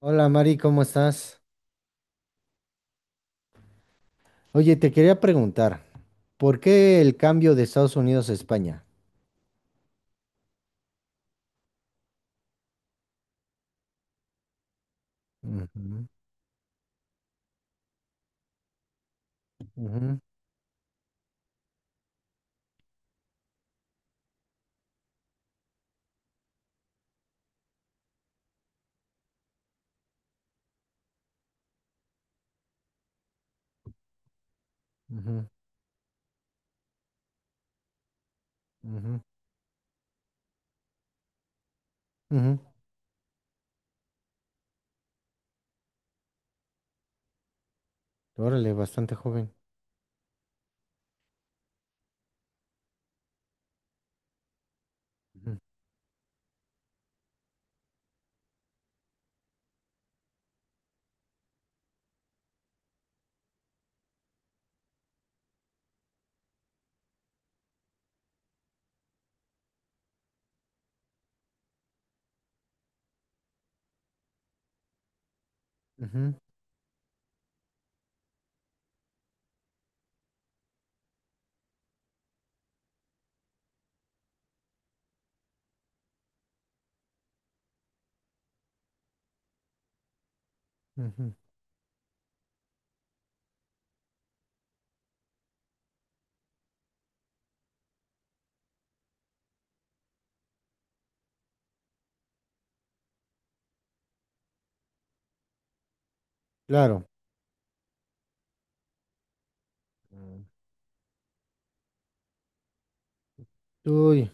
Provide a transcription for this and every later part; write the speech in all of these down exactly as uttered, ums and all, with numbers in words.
Hola Mari, ¿cómo estás? Oye, te quería preguntar, ¿por qué el cambio de Estados Unidos a España? Ujú, ujú, ujú, ujú, ujú. Órale, bastante joven. Ujú, ujú, ujú. Claro. Uy,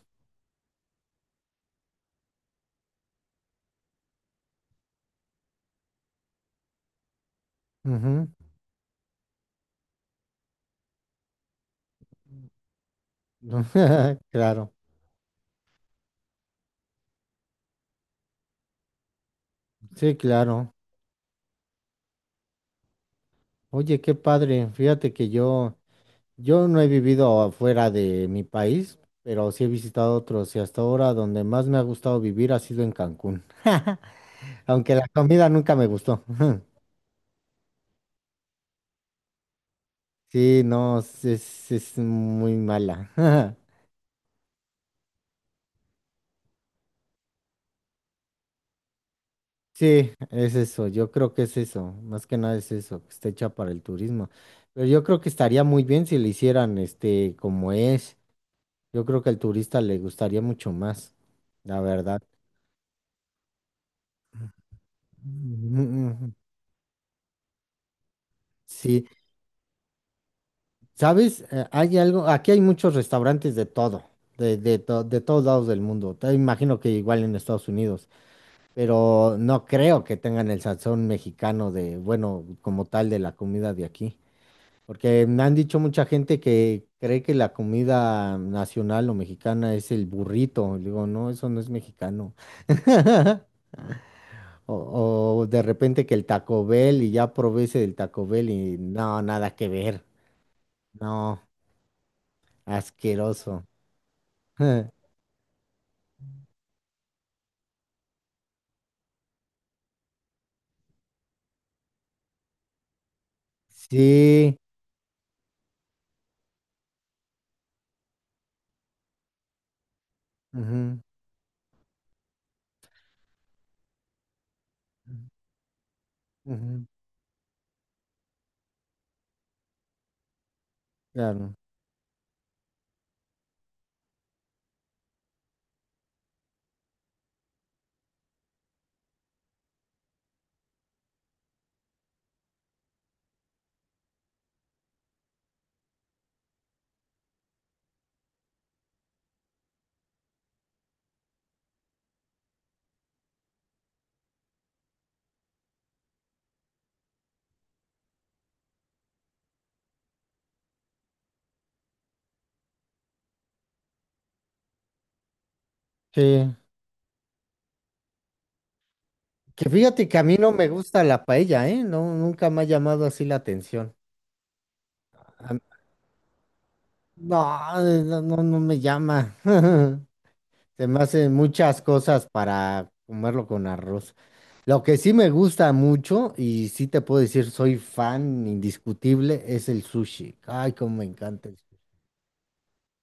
ujú. Claro, sí, claro. Oye, qué padre. Fíjate que yo, yo no he vivido afuera de mi país, pero sí he visitado otros y hasta ahora donde más me ha gustado vivir ha sido en Cancún. Aunque la comida nunca me gustó. Sí, no, es, es- es muy mala. Sí, es eso, yo creo que es eso, más que nada es eso, que está hecha para el turismo. Pero yo creo que estaría muy bien si le hicieran este como es. Yo creo que al turista le gustaría mucho más, la verdad. Mm, mm, sí, ¿sabes? Eh, Hay algo, aquí hay muchos restaurantes de todo, de, de, to- de todos lados del mundo. Te imagino que igual en Estados Unidos. Pero no creo que tengan el sazón mexicano de, bueno, como tal de la comida de aquí. Porque me han dicho mucha gente que cree que la comida nacional o mexicana es el burrito. Le digo, no, eso no es mexicano. O, o de repente que el Taco Bell, y ya probé ese del Taco Bell y no, nada que ver. No, asqueroso. Sí. Ujú, ujú, claro. Sí. Que fíjate que a mí no me gusta la paella, ¿eh? No, nunca me ha llamado así la atención. A- No, no, no, no me llama. Se me hacen muchas cosas para comerlo con arroz. Lo que sí me gusta mucho, y sí te puedo decir, soy fan indiscutible, es el sushi. Ay, cómo me encanta el sushi.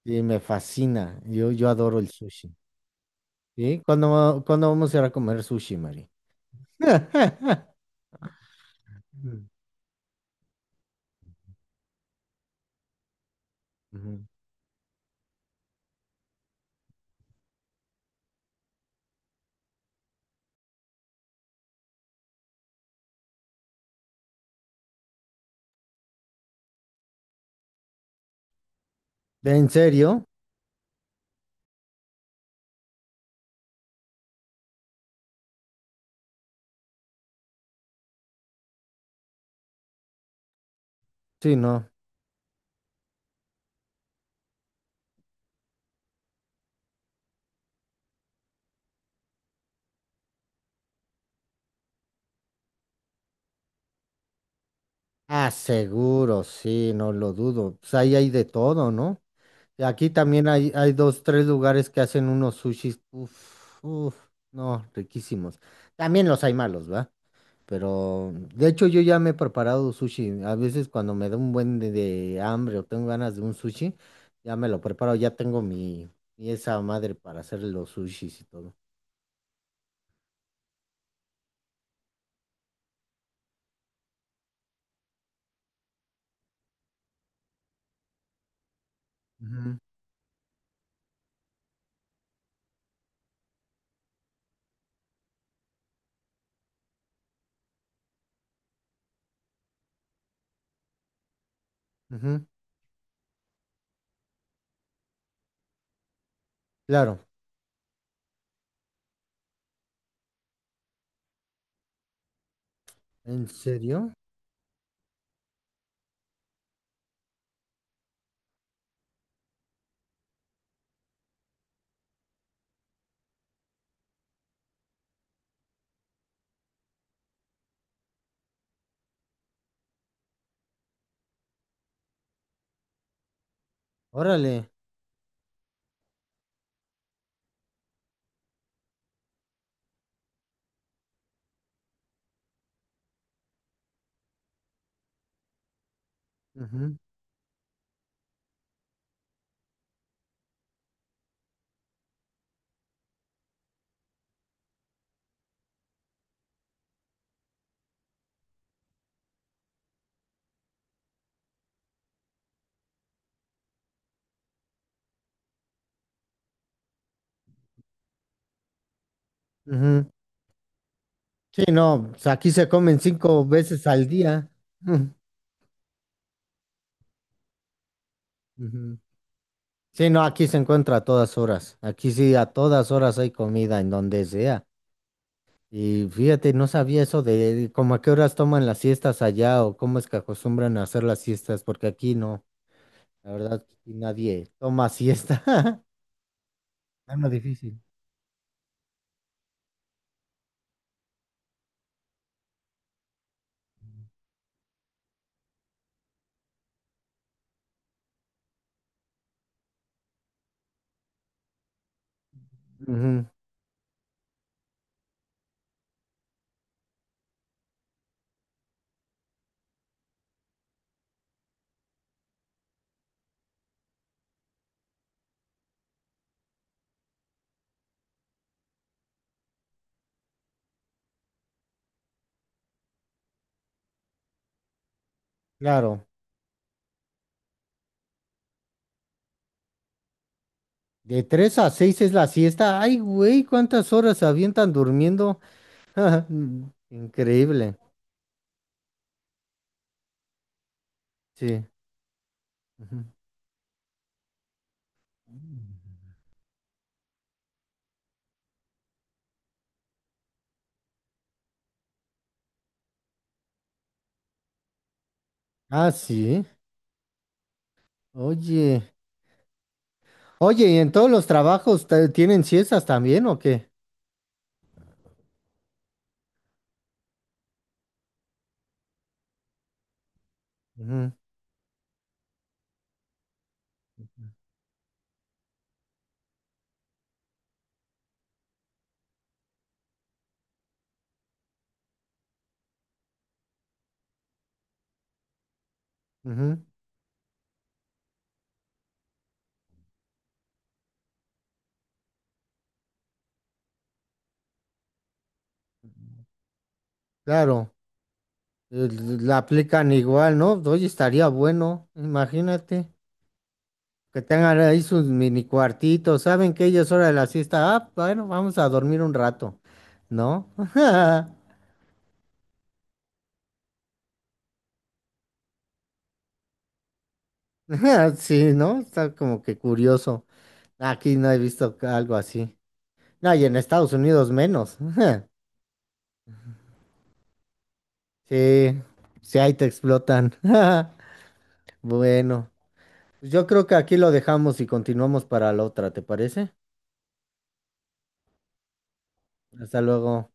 Sí, me fascina. Yo, yo adoro el sushi. ¿Sí? ¿Cuándo, cuándo vamos a ir a comer sushi, Mari? Ujú. ¿En serio? Sí, no. Ah, seguro, sí, no lo dudo. Pues ahí hay de todo, ¿no? Aquí también hay, hay dos, tres lugares que hacen unos sushis, uff, uff, no, riquísimos. También los hay malos, ¿va? Pero, de hecho, yo ya me he preparado sushi. A veces cuando me da un buen de, de hambre o tengo ganas de un sushi, ya me lo preparo, ya tengo mi, mi esa madre para hacer los sushis y todo. Ujú, ujú, claro, ¿en serio? Órale. Ujú, ujú. Sí, no, pues, aquí se comen cinco veces al día. Mm, ujú. Sí, no, aquí se encuentra a todas horas. Aquí sí, a todas horas hay comida en donde sea. Y fíjate, no sabía eso de como a qué horas toman las siestas allá o cómo es que acostumbran a hacer las siestas, porque aquí no, la verdad, aquí nadie toma siesta. Es más difícil. Ujú, claro, de tres a seis es la siesta. Ay, güey, ¿cuántas horas se avientan durmiendo? Increíble, sí. Ujú. Ah, sí. Oye, oye, ¿y en todos los trabajos te- tienen siestas también o qué? Ujú, ujú, claro, el- la aplican igual, ¿no? Oye, estaría bueno, imagínate, que tengan ahí sus mini cuartitos, ¿saben que ellos hora de la siesta? Ah, bueno, vamos a dormir un rato, ¿no? Sí, ¿no? Está como que curioso. Aquí no he visto ca- algo así. No, y en Estados Unidos menos. Sí, sí, ahí te explotan. Bueno, pues yo creo que aquí lo dejamos y continuamos para la otra, ¿te parece? Hasta luego.